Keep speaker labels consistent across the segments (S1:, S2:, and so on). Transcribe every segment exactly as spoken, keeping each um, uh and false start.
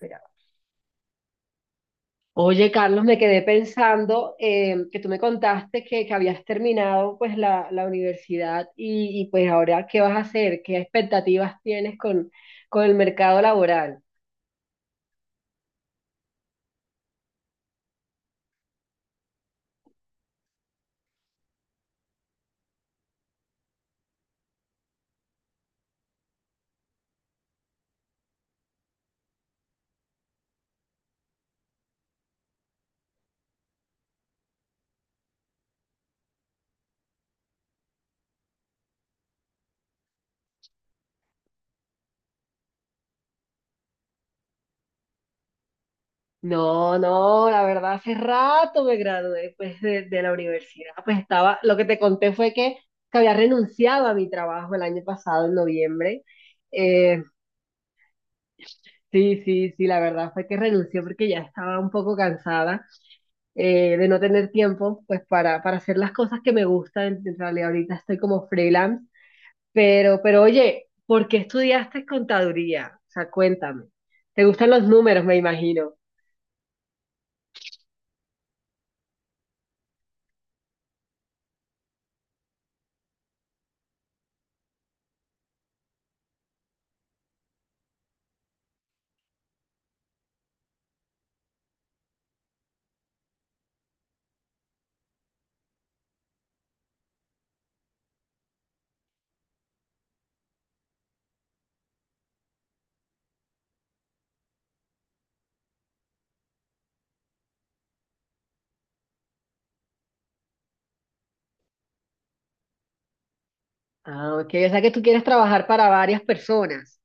S1: Mira. Oye, Carlos, me quedé pensando, eh, que tú me contaste que, que habías terminado pues la, la universidad y, y, pues ahora, ¿qué vas a hacer? ¿Qué expectativas tienes con, con el mercado laboral? No, no, la verdad hace rato me gradué pues de, de la universidad. Pues estaba, lo que te conté fue que, que había renunciado a mi trabajo el año pasado, en noviembre. Eh, sí, sí, sí, la verdad fue que renuncié porque ya estaba un poco cansada. Eh, de no tener tiempo, pues para, para hacer las cosas que me gustan. En realidad ahorita estoy como freelance, pero, pero oye, ¿por qué estudiaste contaduría? O sea, cuéntame. ¿Te gustan los números, me imagino? Ah, ok, o sea que tú quieres trabajar para varias personas.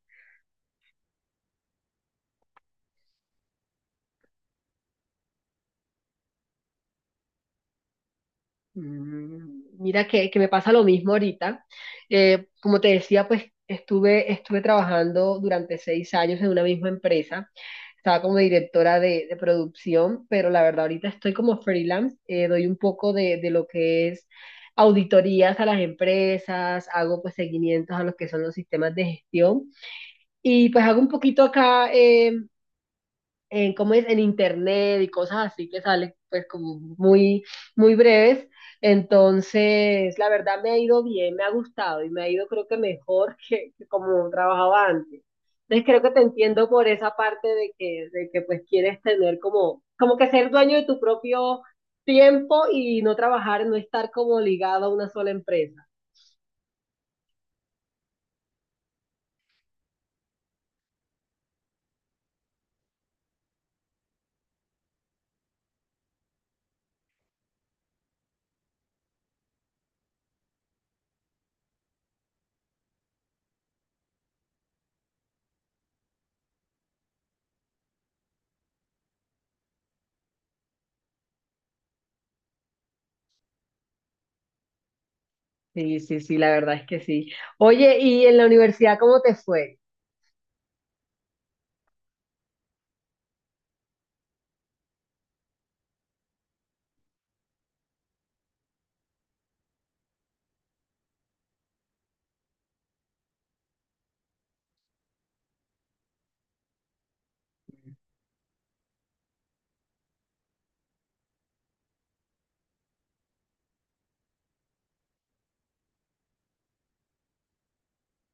S1: Mm, Mira que, que me pasa lo mismo ahorita. Eh, como te decía, pues estuve, estuve trabajando durante seis años en una misma empresa. Estaba como directora de, de producción, pero la verdad ahorita estoy como freelance. Eh, doy un poco de, de lo que es auditorías a las empresas, hago pues seguimientos a los que son los sistemas de gestión y pues hago un poquito acá, eh, en, ¿cómo es?, en internet y cosas así que salen pues como muy, muy breves. Entonces, la verdad me ha ido bien, me ha gustado y me ha ido creo que mejor que, que como trabajaba antes. Entonces creo que te entiendo por esa parte de que, de que pues quieres tener como, como que ser dueño de tu propio tiempo y no trabajar, no estar como ligado a una sola empresa. Sí, sí, sí, la verdad es que sí. Oye, ¿y en la universidad cómo te fue?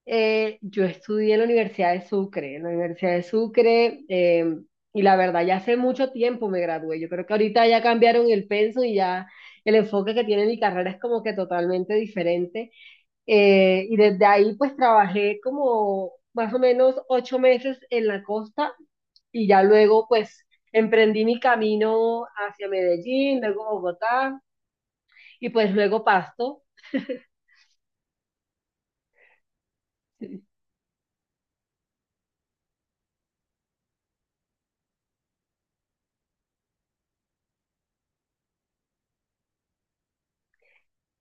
S1: Eh, yo estudié en la Universidad de Sucre, en la Universidad de Sucre, eh, y la verdad ya hace mucho tiempo me gradué. Yo creo que ahorita ya cambiaron el pensum y ya el enfoque que tiene mi carrera es como que totalmente diferente. Eh, y desde ahí pues trabajé como más o menos ocho meses en la costa y ya luego pues emprendí mi camino hacia Medellín, luego Bogotá y pues luego Pasto,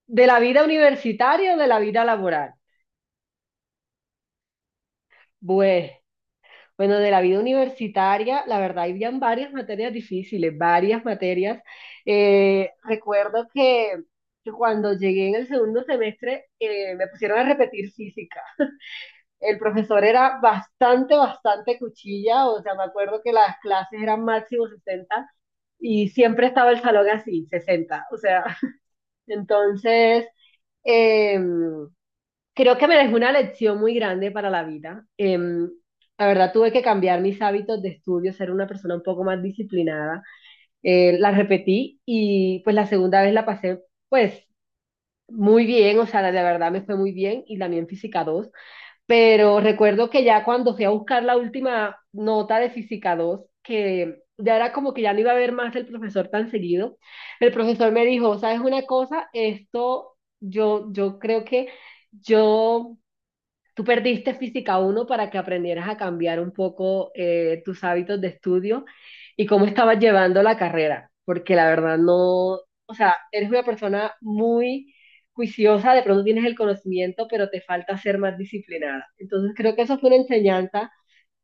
S1: de la vida universitaria o de la vida laboral. Bueno. Bueno, de la vida universitaria, la verdad, habían varias materias difíciles, varias materias. Eh, recuerdo que que cuando llegué en el segundo semestre, eh, me pusieron a repetir física. El profesor era bastante, bastante cuchilla, o sea, me acuerdo que las clases eran máximo sesenta y siempre estaba el salón así, sesenta o sea, entonces… em, creo que me dejó una lección muy grande para la vida. Em, la verdad, tuve que cambiar mis hábitos de estudio, ser una persona un poco más disciplinada. Eh, la repetí y pues la segunda vez la pasé pues muy bien, o sea, la de verdad me fue muy bien, y también Física dos, pero recuerdo que ya cuando fui a buscar la última nota de Física dos, que ya era como que ya no iba a ver más el profesor tan seguido, el profesor me dijo: ¿Sabes una cosa? Esto yo, yo creo que yo… Tú perdiste física uno para que aprendieras a cambiar un poco, eh, tus hábitos de estudio y cómo estabas llevando la carrera, porque la verdad no, o sea, eres una persona muy juiciosa, de pronto tienes el conocimiento, pero te falta ser más disciplinada. Entonces creo que eso fue una enseñanza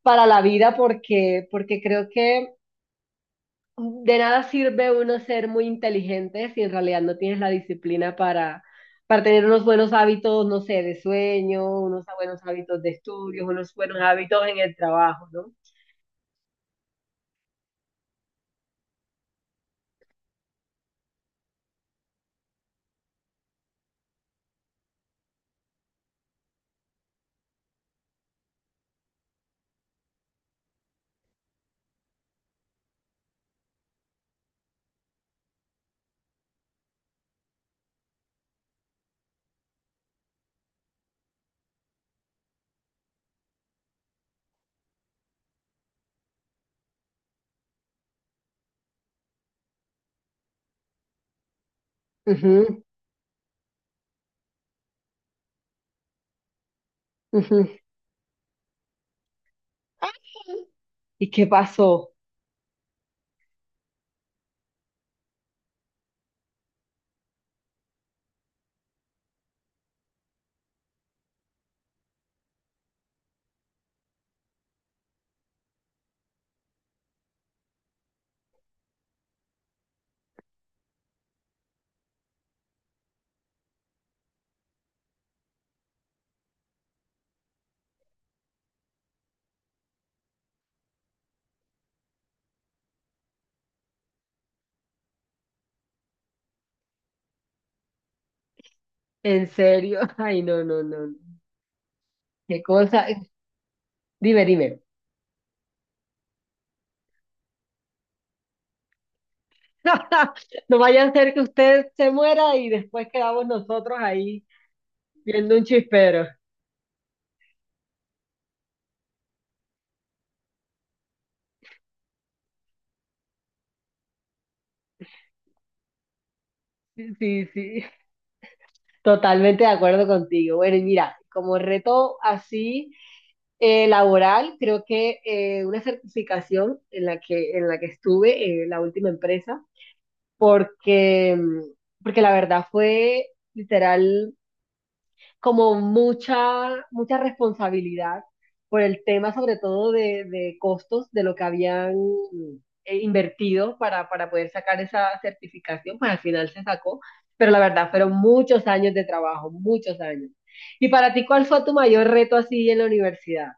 S1: para la vida porque, porque creo que de nada sirve uno ser muy inteligente si en realidad no tienes la disciplina para, para tener unos buenos hábitos, no sé, de sueño, unos buenos hábitos de estudios, unos buenos hábitos en el trabajo, ¿no? Ujú, ujú. ¿Y qué pasó? ¿En serio? Ay, no, no, no. No. ¿Qué cosa? Dime, dime. No vaya a ser que usted se muera y después quedamos nosotros ahí viendo un chispero. Sí, sí. Sí. Totalmente de acuerdo contigo. Bueno, y mira, como reto así, eh, laboral, creo que, eh, una certificación en la que, en la que estuve, eh, la última empresa, porque, mm, porque la verdad fue literal como mucha, mucha responsabilidad por el tema, sobre todo de, de costos de lo que habían, eh, invertido para, para poder sacar esa certificación, pues al final se sacó, pero la verdad fueron muchos años de trabajo, muchos años. ¿Y para ti cuál fue tu mayor reto así en la universidad?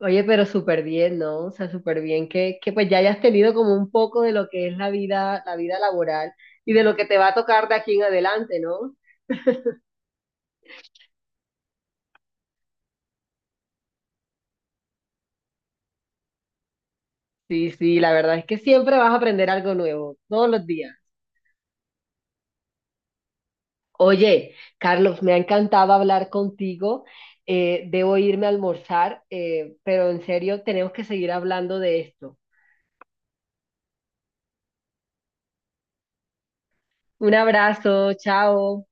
S1: Oye, pero súper bien, ¿no? O sea, súper bien que, que pues ya hayas tenido como un poco de lo que es la vida, la vida laboral y de lo que te va a tocar de aquí en adelante, ¿no? Sí, sí, la verdad es que siempre vas a aprender algo nuevo, todos los días. Oye, Carlos, me ha encantado hablar contigo. Eh, debo irme a almorzar, eh, pero en serio, tenemos que seguir hablando de esto. Un abrazo, chao.